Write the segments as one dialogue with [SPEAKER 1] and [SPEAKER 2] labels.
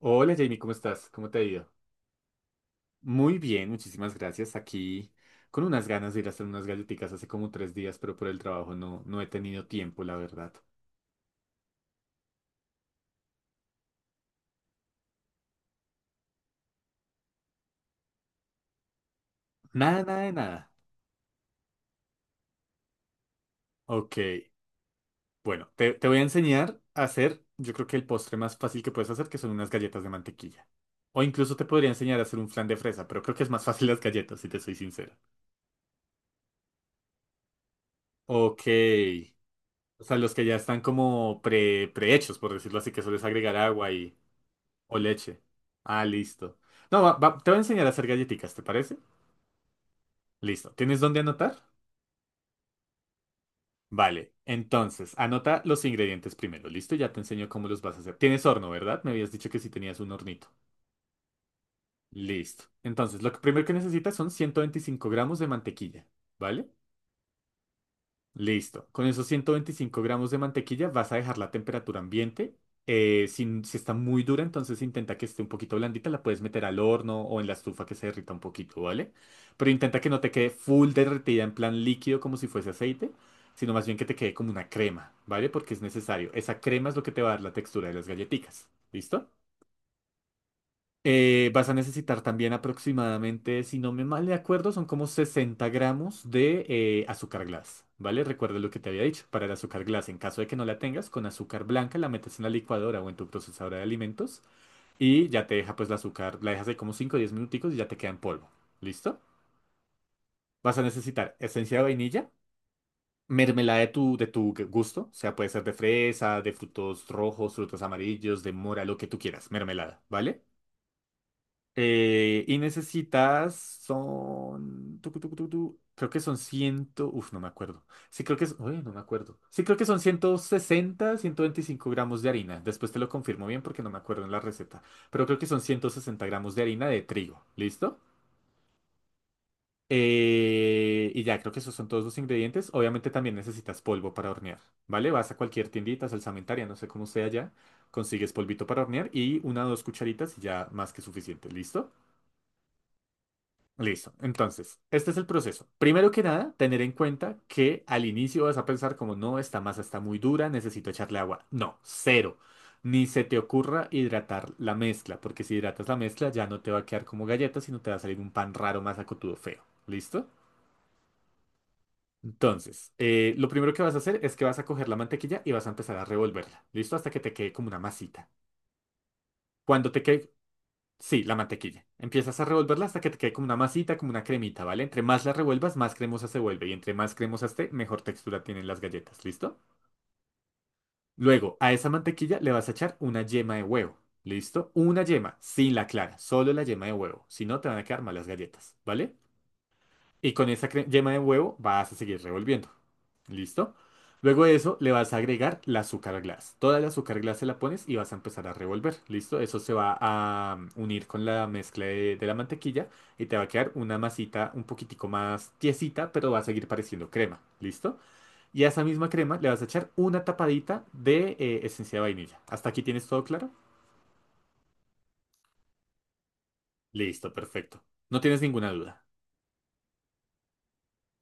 [SPEAKER 1] Hola Jamie, ¿cómo estás? ¿Cómo te ha ido? Muy bien, muchísimas gracias. Aquí con unas ganas de ir a hacer unas galletitas hace como 3 días, pero por el trabajo no he tenido tiempo, la verdad. Nada, nada de nada. Ok, bueno, te voy a enseñar a hacer, yo creo que el postre más fácil que puedes hacer, que son unas galletas de mantequilla. O incluso te podría enseñar a hacer un flan de fresa, pero creo que es más fácil las galletas, si te soy sincero. Ok. O sea, los que ya están como prehechos, por decirlo así, que solo es agregar agua y, o leche. Ah, listo. No, te voy a enseñar a hacer galletitas, ¿te parece? Listo. ¿Tienes dónde anotar? Vale. Entonces, anota los ingredientes primero. Listo, ya te enseño cómo los vas a hacer. Tienes horno, ¿verdad? Me habías dicho que sí tenías un hornito. Listo. Entonces, lo que primero que necesitas son 125 gramos de mantequilla, ¿vale? Listo. Con esos 125 gramos de mantequilla vas a dejar la temperatura ambiente. Si está muy dura, entonces intenta que esté un poquito blandita, la puedes meter al horno o en la estufa que se derrita un poquito, ¿vale? Pero intenta que no te quede full derretida en plan líquido como si fuese aceite, sino más bien que te quede como una crema, ¿vale? Porque es necesario. Esa crema es lo que te va a dar la textura de las galletitas. ¿Listo? Vas a necesitar también aproximadamente, si no me mal de acuerdo, son como 60 gramos de azúcar glass, ¿vale? Recuerda lo que te había dicho, para el azúcar glass, en caso de que no la tengas, con azúcar blanca la metes en la licuadora o en tu procesadora de alimentos y ya te deja pues la azúcar, la dejas ahí como 5 o 10 minuticos y ya te queda en polvo, ¿listo? Vas a necesitar esencia de vainilla, mermelada de tu gusto, o sea, puede ser de fresa, de frutos rojos, frutos amarillos, de mora, lo que tú quieras, mermelada, ¿vale? Y necesitas, son, creo que son 100, uf, no me acuerdo. Sí, creo que es, uy, no me acuerdo. Sí, creo que son ciento veinticinco gramos de harina. Después te lo confirmo bien porque no me acuerdo en la receta. Pero creo que son 160 gramos de harina de trigo. ¿Listo? Y ya, creo que esos son todos los ingredientes. Obviamente también necesitas polvo para hornear, ¿vale? Vas a cualquier tiendita, salsamentaria, no sé cómo sea ya, consigues polvito para hornear y una o dos cucharitas y ya más que suficiente, ¿listo? Listo. Entonces, este es el proceso. Primero que nada, tener en cuenta que al inicio vas a pensar como, no, esta masa está muy dura, necesito echarle agua. No, cero. Ni se te ocurra hidratar la mezcla, porque si hidratas la mezcla ya no te va a quedar como galleta, sino te va a salir un pan raro, más acotudo, feo. ¿Listo? Entonces, lo primero que vas a hacer es que vas a coger la mantequilla y vas a empezar a revolverla. ¿Listo? Hasta que te quede como una masita. Cuando te quede... Sí, la mantequilla. Empiezas a revolverla hasta que te quede como una masita, como una cremita, ¿vale? Entre más la revuelvas, más cremosa se vuelve. Y entre más cremosa esté, mejor textura tienen las galletas, ¿listo? Luego, a esa mantequilla le vas a echar una yema de huevo, ¿listo? Una yema, sin la clara, solo la yema de huevo. Si no, te van a quedar malas galletas, ¿vale? Y con esa yema de huevo vas a seguir revolviendo. ¿Listo? Luego de eso le vas a agregar la azúcar glass. Toda la azúcar glass se la pones y vas a empezar a revolver. ¿Listo? Eso se va a unir con la mezcla de la mantequilla y te va a quedar una masita un poquitico más tiesita, pero va a seguir pareciendo crema. ¿Listo? Y a esa misma crema le vas a echar una tapadita de esencia de vainilla. ¿Hasta aquí tienes todo claro? Listo, perfecto. No tienes ninguna duda.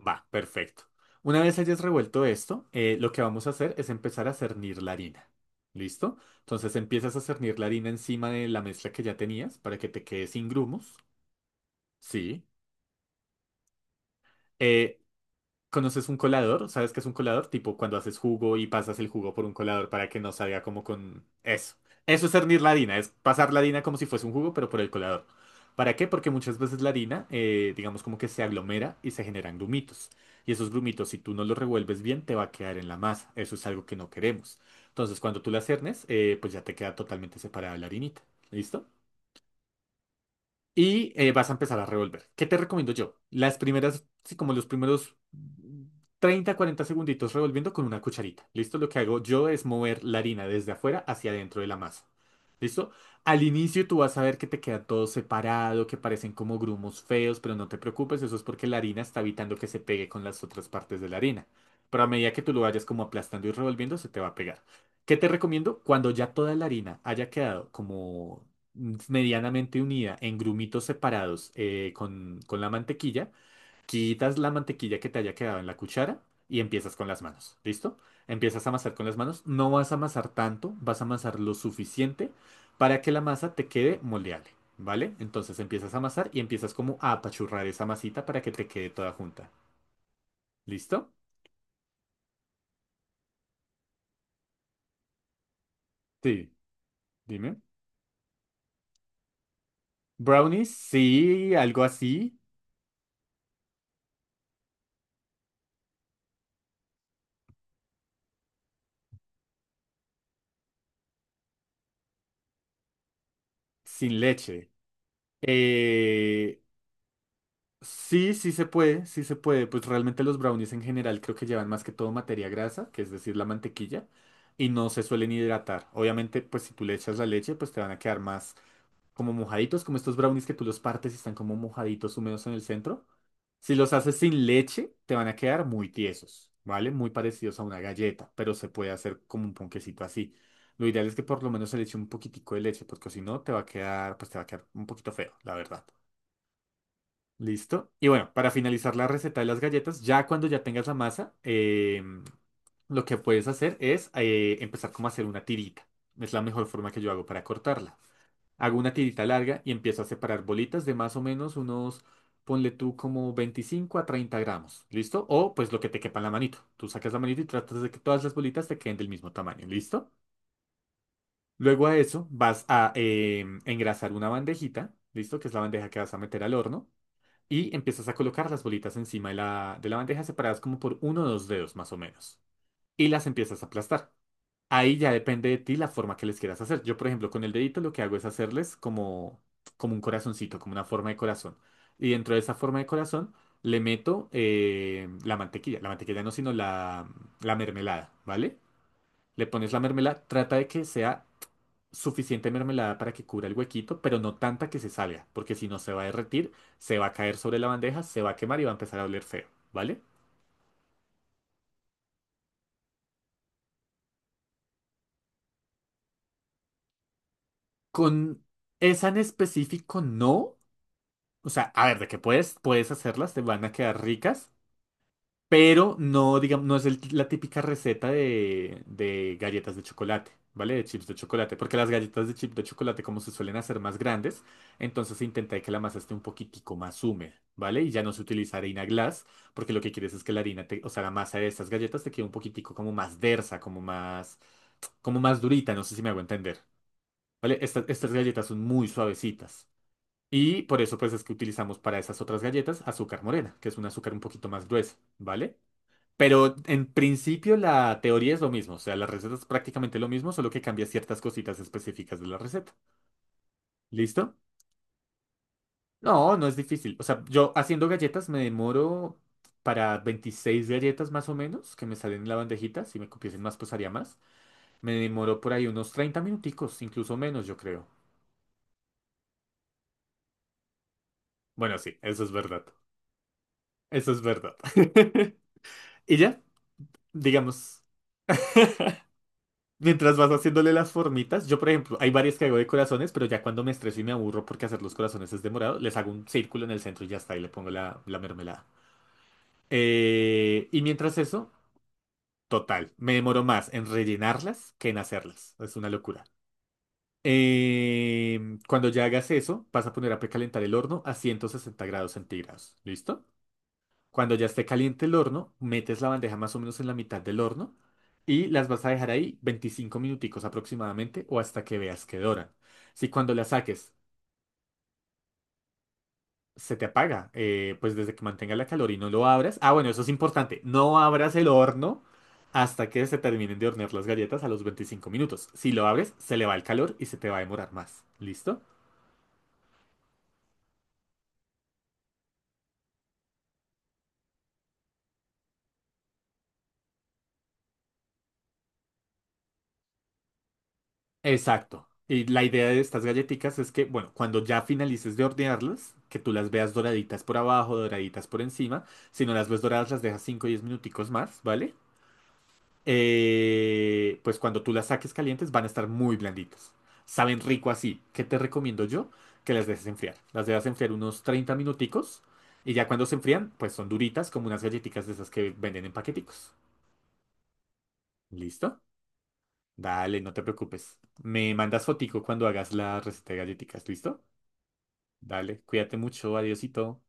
[SPEAKER 1] Va, perfecto. Una vez hayas revuelto esto, lo que vamos a hacer es empezar a cernir la harina. ¿Listo? Entonces empiezas a cernir la harina encima de la mezcla que ya tenías para que te quede sin grumos. Sí. Eh, ¿conoces un colador? ¿Sabes qué es un colador? Tipo cuando haces jugo y pasas el jugo por un colador para que no salga como con eso. Eso es hervir la harina, es pasar la harina como si fuese un jugo, pero por el colador. ¿Para qué? Porque muchas veces la harina, digamos como que se aglomera y se generan grumitos. Y esos grumitos, si tú no los revuelves bien, te va a quedar en la masa. Eso es algo que no queremos. Entonces, cuando tú la cernes, pues ya te queda totalmente separada la harinita. ¿Listo? Y vas a empezar a revolver. ¿Qué te recomiendo yo? Las primeras, sí, como los primeros 30 40 segunditos revolviendo con una cucharita. ¿Listo? Lo que hago yo es mover la harina desde afuera hacia adentro de la masa. ¿Listo? Al inicio tú vas a ver que te queda todo separado, que parecen como grumos feos, pero no te preocupes, eso es porque la harina está evitando que se pegue con las otras partes de la harina. Pero a medida que tú lo vayas como aplastando y revolviendo, se te va a pegar. ¿Qué te recomiendo? Cuando ya toda la harina haya quedado como medianamente unida en grumitos separados con la mantequilla, quitas la mantequilla que te haya quedado en la cuchara y empiezas con las manos, ¿listo? Empiezas a amasar con las manos, no vas a amasar tanto, vas a amasar lo suficiente para que la masa te quede moldeable, ¿vale? Entonces empiezas a amasar y empiezas como a apachurrar esa masita para que te quede toda junta, ¿listo? Sí, dime. Brownies, sí, algo así, sin leche. Eh, Sí sí se puede, sí se puede. Pues realmente los brownies en general creo que llevan más que todo materia grasa, que es decir, la mantequilla, y no se suelen hidratar. Obviamente, pues si tú le echas la leche, pues te van a quedar más como mojaditos, como estos brownies que tú los partes y están como mojaditos húmedos en el centro. Si los haces sin leche, te van a quedar muy tiesos, ¿vale? Muy parecidos a una galleta, pero se puede hacer como un ponquecito así. Lo ideal es que por lo menos se le eche un poquitico de leche, porque si no, te va a quedar, pues te va a quedar un poquito feo, la verdad. Listo. Y bueno, para finalizar la receta de las galletas, ya cuando ya tengas la masa, lo que puedes hacer es empezar como a hacer una tirita. Es la mejor forma que yo hago para cortarla. Hago una tirita larga y empiezo a separar bolitas de más o menos unos, ponle tú como 25 a 30 gramos. ¿Listo? O pues lo que te quepa en la manito. Tú sacas la manito y tratas de que todas las bolitas te queden del mismo tamaño. ¿Listo? Luego a eso vas a engrasar una bandejita. ¿Listo? Que es la bandeja que vas a meter al horno y empiezas a colocar las bolitas encima de la bandeja separadas como por uno o dos dedos más o menos. Y las empiezas a aplastar. Ahí ya depende de ti la forma que les quieras hacer. Yo, por ejemplo, con el dedito lo que hago es hacerles como un corazoncito, como una forma de corazón. Y dentro de esa forma de corazón le meto la mantequilla. La mantequilla no, sino la mermelada, ¿vale? Le pones la mermelada, trata de que sea suficiente mermelada para que cubra el huequito, pero no tanta que se salga, porque si no se va a derretir, se va a caer sobre la bandeja, se va a quemar y va a empezar a oler feo, ¿vale? Con esa en específico no, o sea, a ver, de que puedes, puedes hacerlas, te van a quedar ricas, pero no, digamos, no es la típica receta de galletas de chocolate, ¿vale? De chips de chocolate, porque las galletas de chip de chocolate, como se suelen hacer más grandes, entonces se intenta que la masa esté un poquitico más húmeda, ¿vale? Y ya no se utiliza harina glass, porque lo que quieres es que la harina, o sea, la masa de estas galletas te quede un poquitico como más densa, como más durita, no sé si me hago entender, ¿vale? Estas galletas son muy suavecitas. Y por eso pues es que utilizamos para esas otras galletas azúcar morena, que es un azúcar un poquito más gruesa, ¿vale? Pero en principio la teoría es lo mismo, o sea, la receta es prácticamente lo mismo, solo que cambia ciertas cositas específicas de la receta. ¿Listo? No, no es difícil. O sea, yo haciendo galletas me demoro para 26 galletas más o menos, que me salen en la bandejita, si me copiesen más pues haría más. Me demoro por ahí unos 30 minuticos, incluso menos yo creo. Bueno, sí, eso es verdad. Eso es verdad. Y ya, digamos. Mientras vas haciéndole las formitas, yo por ejemplo, hay varias que hago de corazones, pero ya cuando me estreso y me aburro porque hacer los corazones es demorado, les hago un círculo en el centro y ya está, y le pongo la mermelada. Y mientras eso, total, me demoro más en rellenarlas que en hacerlas. Es una locura. Cuando ya hagas eso, vas a poner a precalentar el horno a 160 grados centígrados. ¿Listo? Cuando ya esté caliente el horno, metes la bandeja más o menos en la mitad del horno y las vas a dejar ahí 25 minuticos aproximadamente o hasta que veas que doran. Si cuando la saques se te apaga, pues desde que mantenga la calor y no lo abras. Ah, bueno, eso es importante. No abras el horno hasta que se terminen de hornear las galletas a los 25 minutos. Si lo abres, se le va el calor y se te va a demorar más. ¿Listo? Exacto. Y la idea de estas galletitas es que, bueno, cuando ya finalices de hornearlas, que tú las veas doraditas por abajo, doraditas por encima. Si no las ves doradas, las dejas 5 o 10 minuticos más, ¿vale? Pues cuando tú las saques calientes van a estar muy blanditas. Saben rico así. ¿Qué te recomiendo yo? Que las dejes enfriar. Las dejas enfriar unos 30 minuticos y ya cuando se enfrían, pues son duritas como unas galletitas de esas que venden en paqueticos. ¿Listo? Dale, no te preocupes. Me mandas fotico cuando hagas la receta de galletitas, ¿listo? Dale, cuídate mucho, adiosito.